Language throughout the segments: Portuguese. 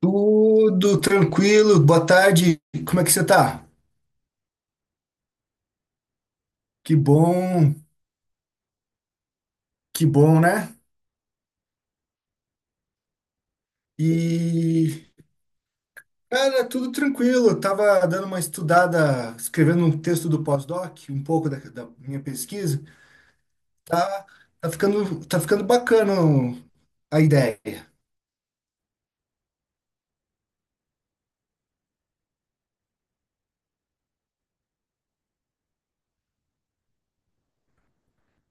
Tudo tranquilo, boa tarde. Como é que você tá? Que bom, que bom, né? E, cara, tudo tranquilo. Eu tava dando uma estudada, escrevendo um texto do pós-doc, um pouco da minha pesquisa. Tá, tá ficando, tá ficando bacana a ideia.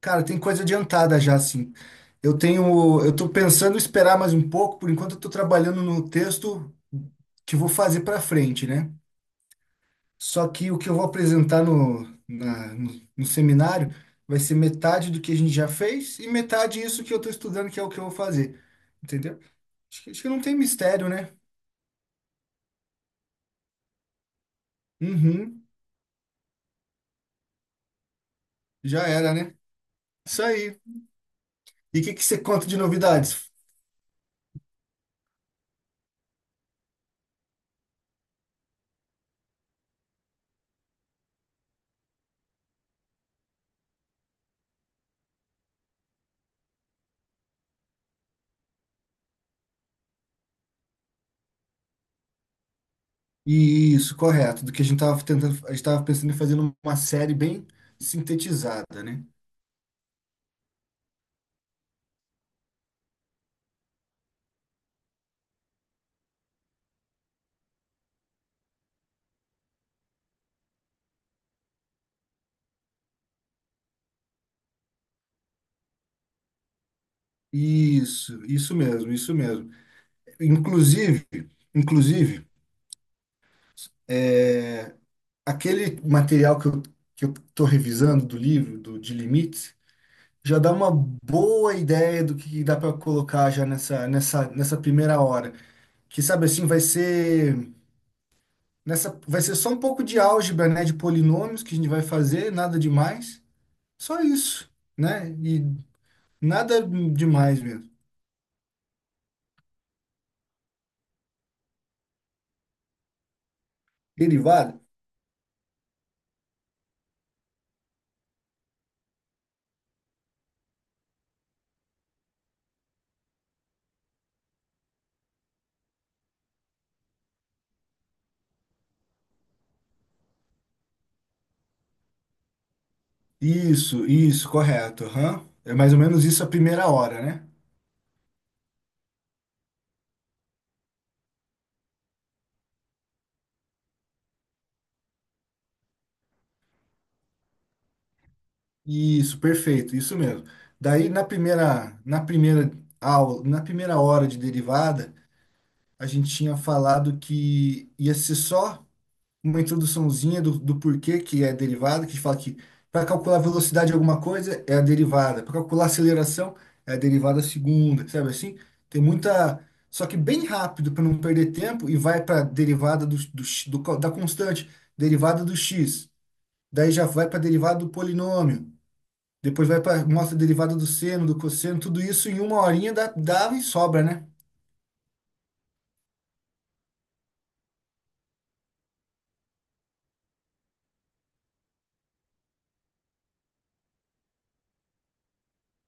Cara, tem coisa adiantada já, assim. Eu tô pensando em esperar mais um pouco, por enquanto eu tô trabalhando no texto que vou fazer pra frente, né? Só que o que eu vou apresentar no seminário vai ser metade do que a gente já fez e metade isso que eu estou estudando, que é o que eu vou fazer. Entendeu? Acho que não tem mistério, né? Uhum, já era, né? Isso aí. E o que você conta de novidades? Isso, correto. Do que a gente estava tentando, a gente estava pensando em fazer uma série bem sintetizada, né? Isso mesmo, isso mesmo. Inclusive, inclusive. é, Aquele material que eu estou revisando do livro, do, de limites, já dá uma boa ideia do que dá para colocar já nessa primeira hora. Que sabe assim, vai ser nessa, vai ser só um pouco de álgebra, né, de polinômios que a gente vai fazer, nada demais, só isso, né? E nada demais mesmo. Derivada? Isso, correto. Aham. É mais ou menos isso a primeira hora, né? Isso, perfeito, isso mesmo. Daí na primeira aula, na primeira hora de derivada, a gente tinha falado que ia ser só uma introduçãozinha do porquê que é derivada, que fala que para calcular a velocidade de alguma coisa é a derivada, para calcular a aceleração é a derivada segunda, sabe assim? Tem muita. Só que bem rápido para não perder tempo e vai para derivada do, do, x- do co- da constante, derivada do x, daí já vai para derivada do polinômio. Depois vai para mostra a derivada do seno, do cosseno, tudo isso em uma horinha dá e sobra, né?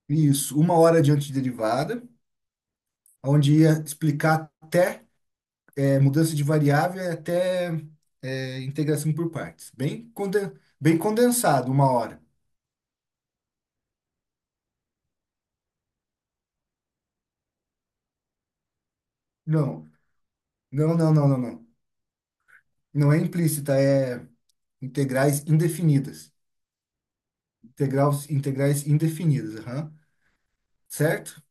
Isso, uma hora de antiderivada, onde ia explicar até mudança de variável e até integração por partes. Bem, bem condensado, uma hora. Não, não, não. Não é implícita, é integrais indefinidas. Integrais indefinidas, aham. Certo?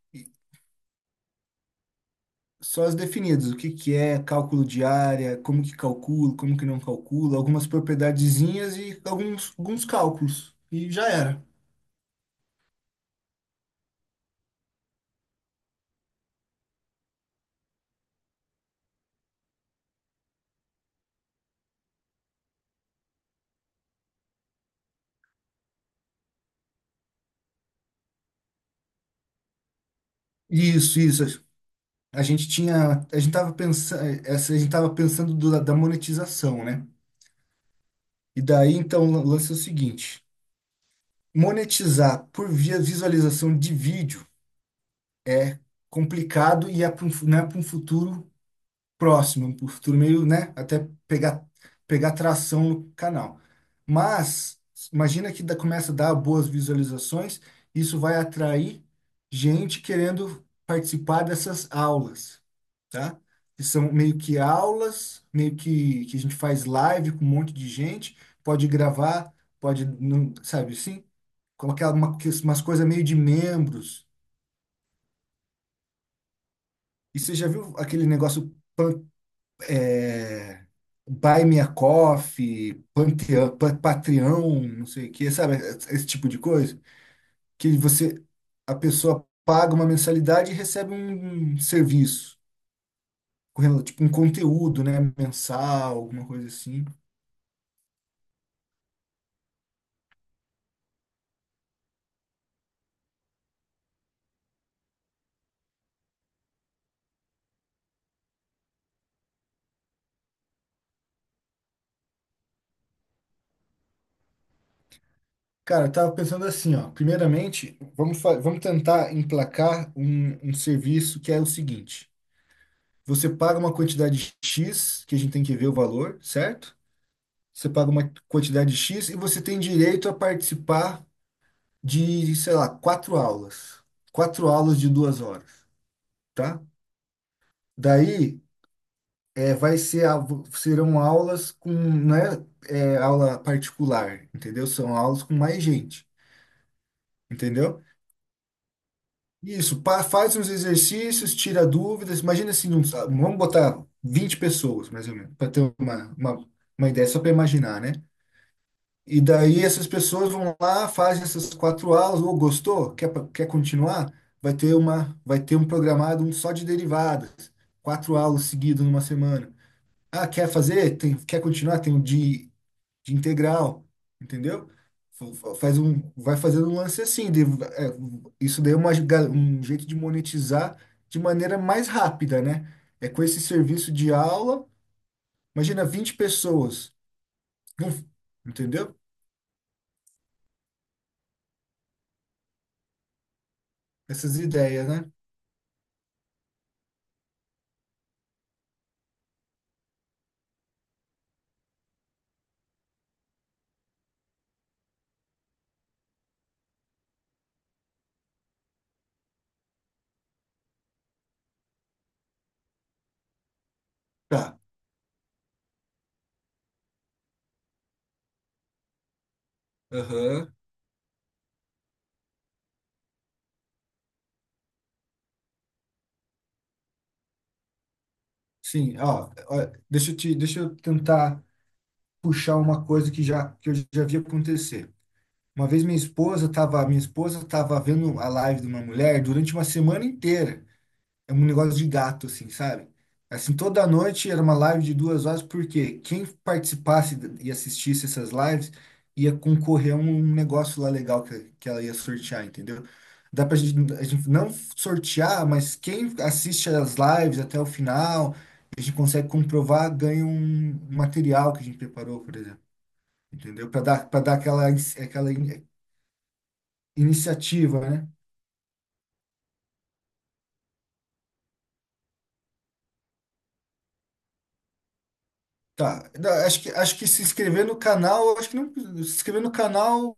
Só as definidas, o que que é cálculo de área, como que calcula, como que não calcula, algumas propriedadezinhas e alguns, alguns cálculos. E já era. Isso, isso. A gente tinha, a gente tava pensando, essa, a gente tava pensando do- da monetização, né? E daí então o lance é o seguinte, monetizar por via visualização de vídeo, complicado e é para um, fu- não é para um futuro próximo, pro futuro meio, né? Até pegar tração no canal. Mas imagina que dá- começa a dar boas visualizações, isso vai atrair gente querendo participar dessas aulas, tá? Que são meio que aulas, meio que a gente faz live com um monte de gente, pode gravar, pode, não, sabe assim? Colocar uma, que umas coisas meio de membros. E você já viu aquele negócio é, Buy Me a Coffee, Panteão, Pa- Patreon, não sei o que, sabe? Esse tipo de coisa. Que você, a pessoa paga uma mensalidade e recebe um serviço, com tipo um conteúdo, né? Mensal, alguma coisa assim. Cara, eu tava pensando assim, ó. Primeiramente, vamos, fa- vamos tentar emplacar um serviço que é o seguinte. Você paga uma quantidade X, que a gente tem que ver o valor, certo? Você paga uma quantidade X e você tem direito a participar de, sei lá, quatro aulas. Quatro aulas de duas horas, tá? Daí, é, vai ser, a- serão aulas com, não é, é, aula particular, entendeu? São aulas com mais gente, entendeu? Isso, pa- faz uns exercícios, tira dúvidas. Imagina assim, uns- vamos botar 20 pessoas, mais ou menos, para ter uma ideia, só para imaginar, né? E daí essas pessoas vão lá, fazem essas quatro aulas, ou gostou, quer, pa- quer continuar? Vai ter uma, vai ter um programado um só de derivadas, quatro aulas seguidas numa semana. Ah, quer fazer? Tem, quer continuar? Tem um de integral, entendeu? Faz um, vai fazendo um lance assim. Isso daí é uma ga- um jeito de monetizar de maneira mais rápida, né? É com esse serviço de aula, imagina vinte pessoas, não- entendeu? Essas ideias, né? Tá. Aham. Sim, ó, ó, deixa eu tentar puxar uma coisa que já que eu já vi acontecer. Uma vez minha esposa tava vendo a live de uma mulher durante uma semana inteira. É um negócio de gato, assim, sabe? Assim, toda noite era uma live de duas horas, porque quem participasse e assistisse essas lives ia concorrer a um negócio lá legal que ela ia sortear, entendeu? Dá pra gente, a gente não sortear, mas quem assiste as lives até o final, a gente consegue comprovar, ganha um material que a gente preparou, por exemplo, entendeu? Para dar aquela, inici- aquela in- iniciativa, né? Tá, não, acho que se inscrever no canal, acho que não, se inscrever no canal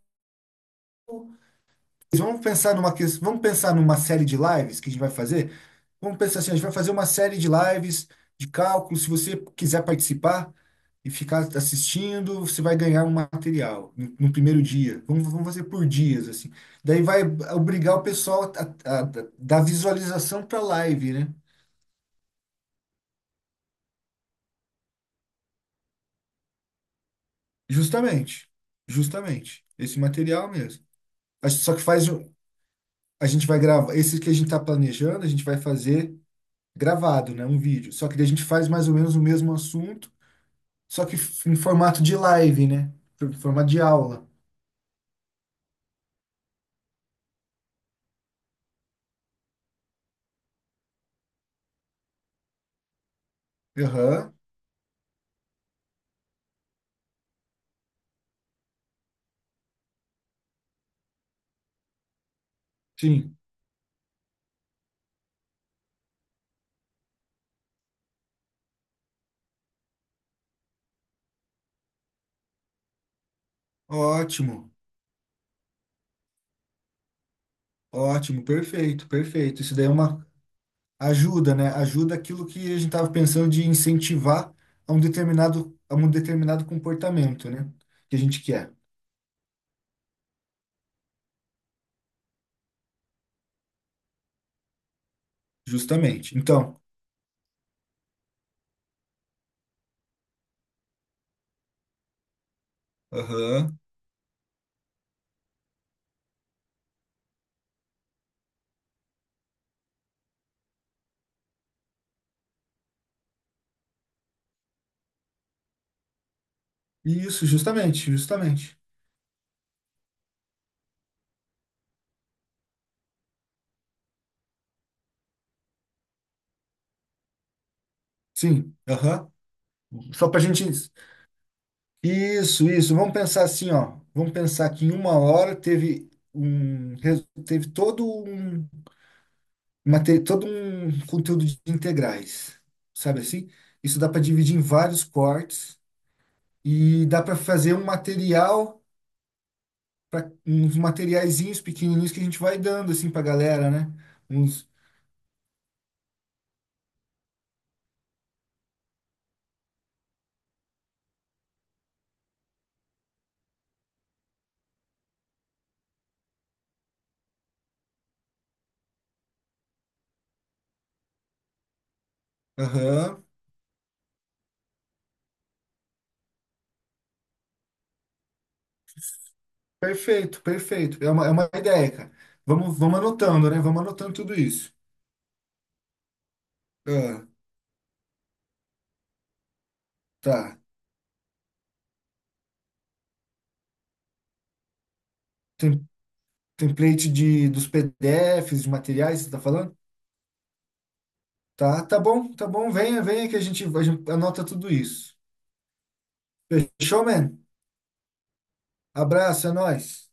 vamos pensar numa ques- vamos pensar numa série de lives que a gente vai fazer. Vamos pensar assim, a gente vai fazer uma série de lives de cálculo. Se você quiser participar e ficar assistindo, você vai ganhar um material no primeiro dia. Vamos fazer por dias assim. Daí vai obrigar o pessoal a dar visualização para a live, né? Justamente, justamente esse material mesmo. Acho- Só que faz, um- a gente vai gravar. Esse que a gente está planejando, a gente vai fazer gravado, né? Um vídeo. Só que daí a gente faz mais ou menos o mesmo assunto, só que f- em formato de live, né? Em formato de aula. Aham, sim. Ótimo, ótimo, perfeito, perfeito. Isso daí é uma ajuda, né? Ajuda aquilo que a gente estava pensando de incentivar a a um determinado comportamento, né? Que a gente quer, justamente. Então, aham. Isso, justamente, justamente. Sim, aham. Só para a gente isso, isso. Vamos pensar assim, ó. Vamos pensar que em uma hora teve teve todo todo um conteúdo de integrais, sabe assim? Isso dá para dividir em vários cortes e dá para fazer um material para uns materiaizinhos pequenininhos que a gente vai dando assim para galera, né? Uns, aham, perfeito, perfeito. É uma ideia, cara. Vamos anotando, né? Vamos anotando tudo isso. Ah, tá. Tem template dos PDFs, de materiais, você está falando? Tá bom, tá bom. Venha que a gente anota tudo isso. Fechou, man? Abraço, é nóis.